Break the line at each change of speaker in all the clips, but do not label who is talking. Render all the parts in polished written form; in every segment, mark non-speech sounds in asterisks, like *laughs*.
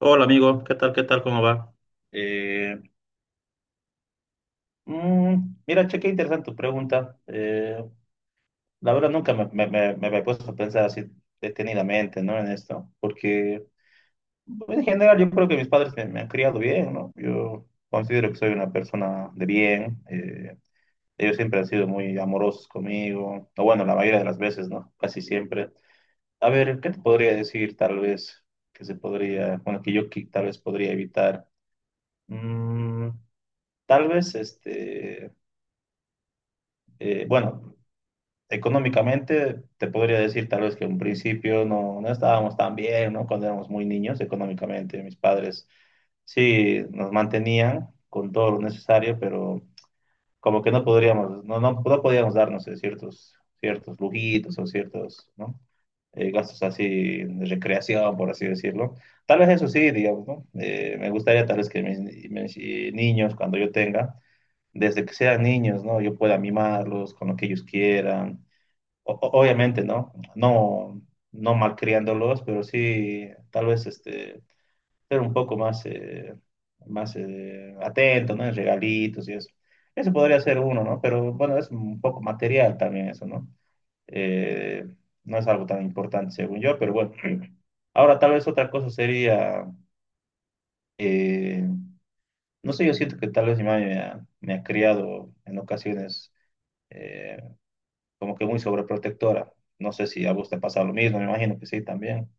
Hola amigo, ¿qué tal? ¿Qué tal? ¿Cómo va? Eh, mm, mira, che, qué interesante tu pregunta. La verdad nunca me había puesto a pensar así detenidamente, ¿no? En esto, porque pues, en general yo creo que mis padres me han criado bien, ¿no? Yo considero que soy una persona de bien. Ellos siempre han sido muy amorosos conmigo, o bueno, la mayoría de las veces, ¿no? Casi siempre. A ver, ¿qué te podría decir tal vez que se podría, bueno, tal vez podría evitar? Mm, Tal vez, bueno, económicamente te podría decir tal vez que en principio no estábamos tan bien, ¿no? Cuando éramos muy niños, económicamente mis padres sí nos mantenían con todo lo necesario, pero como que no podríamos, no podíamos darnos ciertos lujitos o ciertos, ¿no? Gastos así de recreación, por así decirlo. Tal vez eso sí, digamos, ¿no? Me gustaría tal vez que mis niños, cuando yo tenga, desde que sean niños, ¿no? Yo pueda mimarlos con lo que ellos quieran. Obviamente, ¿no? No, no malcriándolos, pero sí, tal vez ser un poco más, más atento, ¿no? En regalitos y eso. Eso podría ser uno, ¿no? Pero bueno, es un poco material también eso, ¿no? Eh, no es algo tan importante según yo, pero bueno. *clears throat* Ahora, tal vez otra cosa sería, eh, no sé, yo siento que tal vez mi mamá me ha criado en ocasiones eh, como que muy sobreprotectora. No sé si a vos te pasa lo mismo, me imagino que sí también.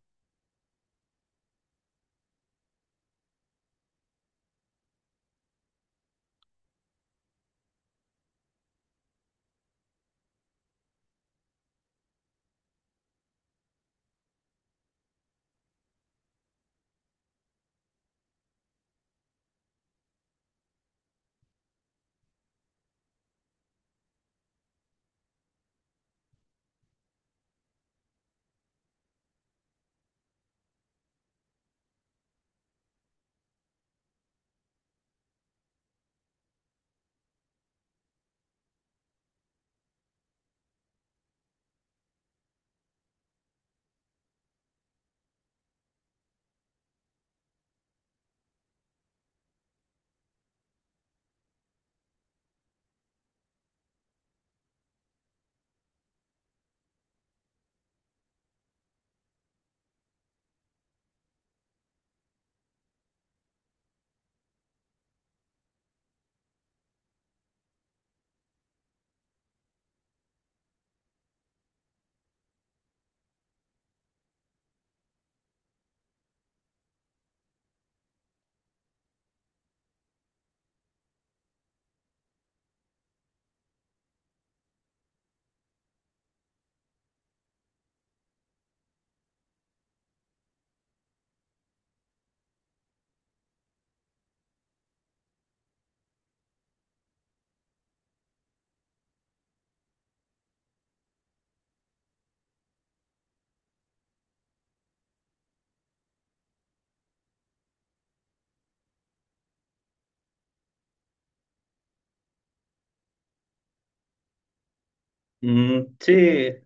Sí,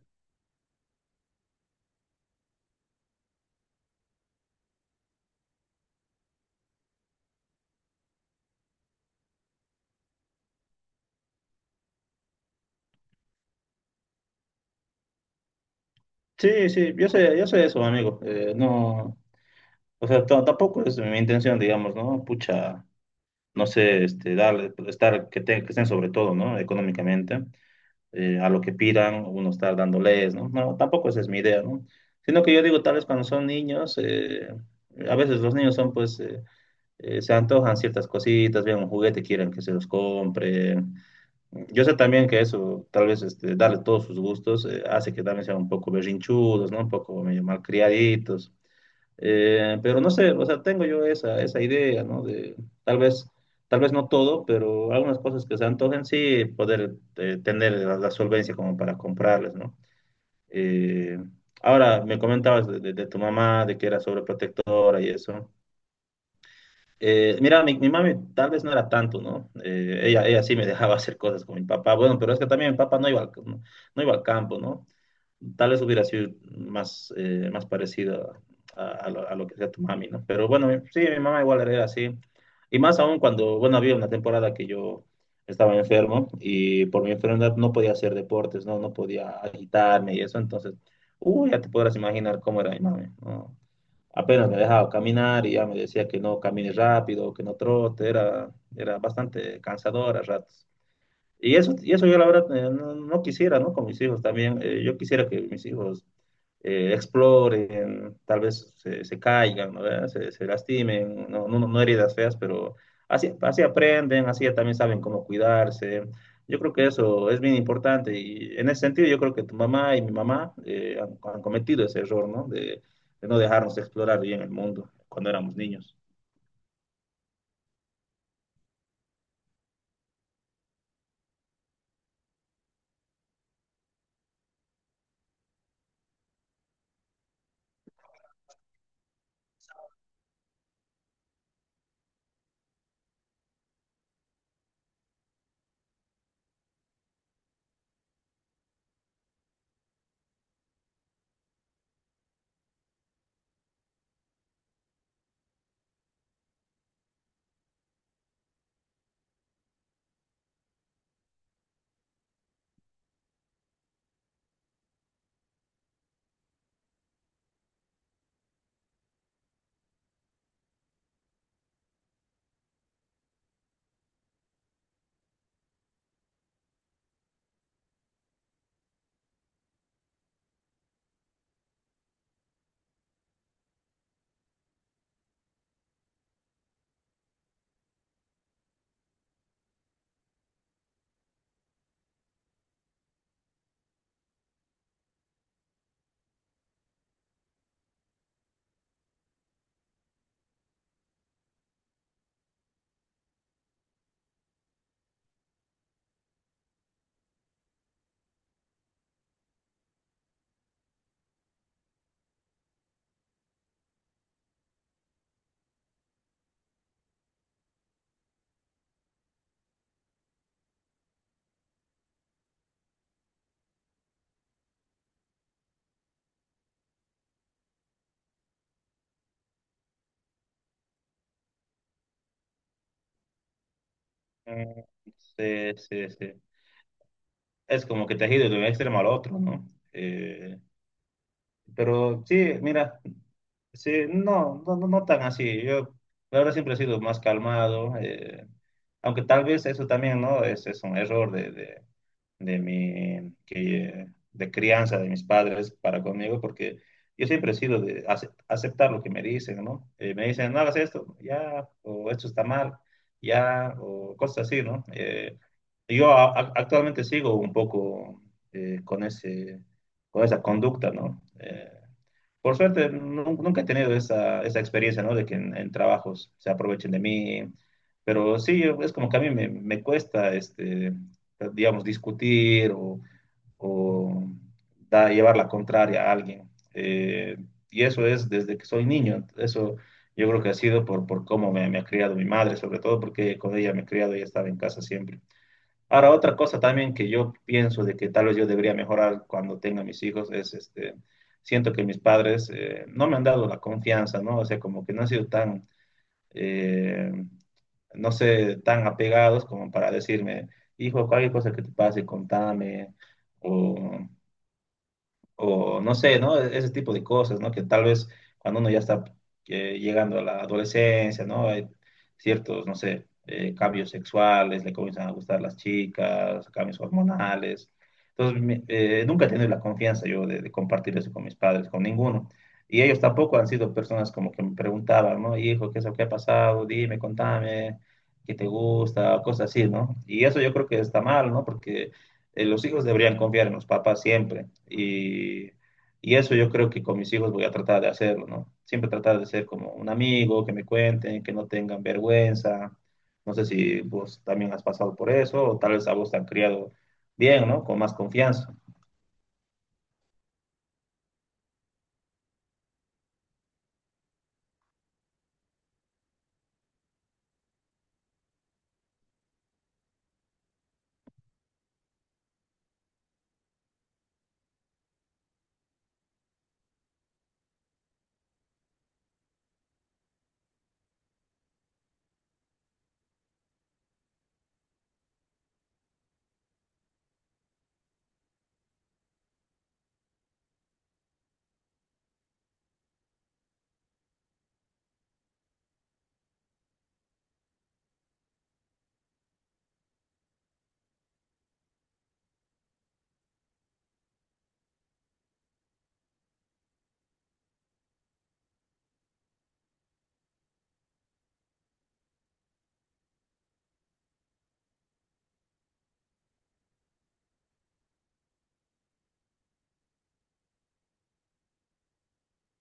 sí, sí, yo sé eso, amigo. No, o sea, tampoco es mi intención, digamos, ¿no? Pucha, no sé, darle, estar, que estén sobre todo, ¿no? Económicamente, a lo que pidan, uno estar dándoles, ¿no? No, tampoco esa es mi idea, ¿no? Sino que yo digo, tal vez cuando son niños, a veces los niños son, pues, se antojan ciertas cositas, vean un juguete, quieren que se los compre. Yo sé también que eso, tal vez darle todos sus gustos, hace que también sean un poco berrinchudos, ¿no? Un poco medio malcriaditos. Pero no sé, o sea, tengo yo esa idea, ¿no? De tal vez, tal vez no todo, pero algunas cosas que se antojen, sí, poder tener la solvencia como para comprarles, ¿no? Eh, ahora, me comentabas de, de tu mamá, de que era sobreprotectora y eso. Mira, mi mami tal vez no era tanto, ¿no? Ella sí me dejaba *laughs* hacer cosas con mi papá. Bueno, pero es que también mi papá no iba al, no, no iba al campo, ¿no? Tal vez hubiera sido más, más parecido a, a lo que sea tu mami, ¿no? Pero bueno, mi mamá igual era así. Y más aún cuando, bueno, había una temporada que yo estaba enfermo y por mi enfermedad no podía hacer deportes, ¿no? No podía agitarme y eso. Entonces, uy, ya te podrás imaginar cómo era mi mami, ¿no? Apenas me dejaba caminar y ya me decía que no camine rápido, que no trote, era, era bastante cansador a ratos. Y eso yo la verdad no, no quisiera, ¿no? Con mis hijos también. Yo quisiera que mis hijos exploren, tal vez se caigan, ¿no? ¿Verdad? Se lastimen, no heridas feas, pero así, así aprenden, así también saben cómo cuidarse. Yo creo que eso es bien importante y en ese sentido yo creo que tu mamá y mi mamá han cometido ese error, ¿no? De no dejarnos explorar bien el mundo cuando éramos niños. Mm, Sí, sí, sí. Es como que te has ido de un extremo al otro, ¿no? Pero sí, mira, sí, no, no tan así. Yo, la verdad, siempre he sido más calmado, aunque tal vez eso también, ¿no? Es un error de, de mi, que, de crianza de mis padres para conmigo, porque yo siempre he sido de aceptar lo que me dicen, ¿no? Me dicen, no hagas esto, ya, o esto está mal, ya, o cosas así, ¿no? Yo actualmente sigo un poco con con esa conducta, ¿no? Por suerte, nunca he tenido esa experiencia, ¿no? De que en trabajos se aprovechen de mí, pero sí, es como que a mí me cuesta, digamos, discutir o llevar la contraria a alguien. Y eso es desde que soy niño, eso yo creo que ha sido por cómo me ha criado mi madre, sobre todo porque con ella me he criado, ella estaba en casa siempre. Ahora, otra cosa también que yo pienso de que tal vez yo debería mejorar cuando tenga mis hijos es, siento que mis padres no me han dado la confianza, ¿no? O sea, como que no han sido tan, eh, no sé, tan apegados como para decirme, hijo, cualquier cosa que te pase, contame, o o no sé, ¿no? Ese tipo de cosas, ¿no? Que tal vez cuando uno ya está llegando a la adolescencia, ¿no? Hay ciertos, no sé, cambios sexuales, le comienzan a gustar las chicas, cambios hormonales. Entonces, nunca he tenido la confianza yo de compartir eso con mis padres, con ninguno. Y ellos tampoco han sido personas como que me preguntaban, ¿no? Hijo, ¿qué es lo que ha pasado? Dime, contame, ¿qué te gusta? Cosas así, ¿no? Y eso yo creo que está mal, ¿no? Porque los hijos deberían confiar en los papás siempre. Y eso yo creo que con mis hijos voy a tratar de hacerlo, ¿no? Siempre tratar de ser como un amigo, que me cuenten, que no tengan vergüenza. No sé si vos también has pasado por eso, o tal vez a vos te han criado bien, ¿no? Con más confianza.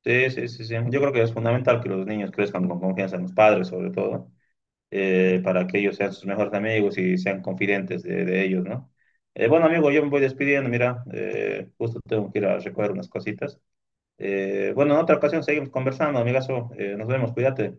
Sí, sí, sí, sí. Yo creo que es fundamental que los niños crezcan con confianza en los padres, sobre todo, para que ellos sean sus mejores amigos y sean confidentes de ellos, ¿no? Bueno, amigo, yo me voy despidiendo, mira, justo tengo que ir a recoger unas cositas. Bueno, en otra ocasión seguimos conversando, amigazo. Nos vemos, cuídate.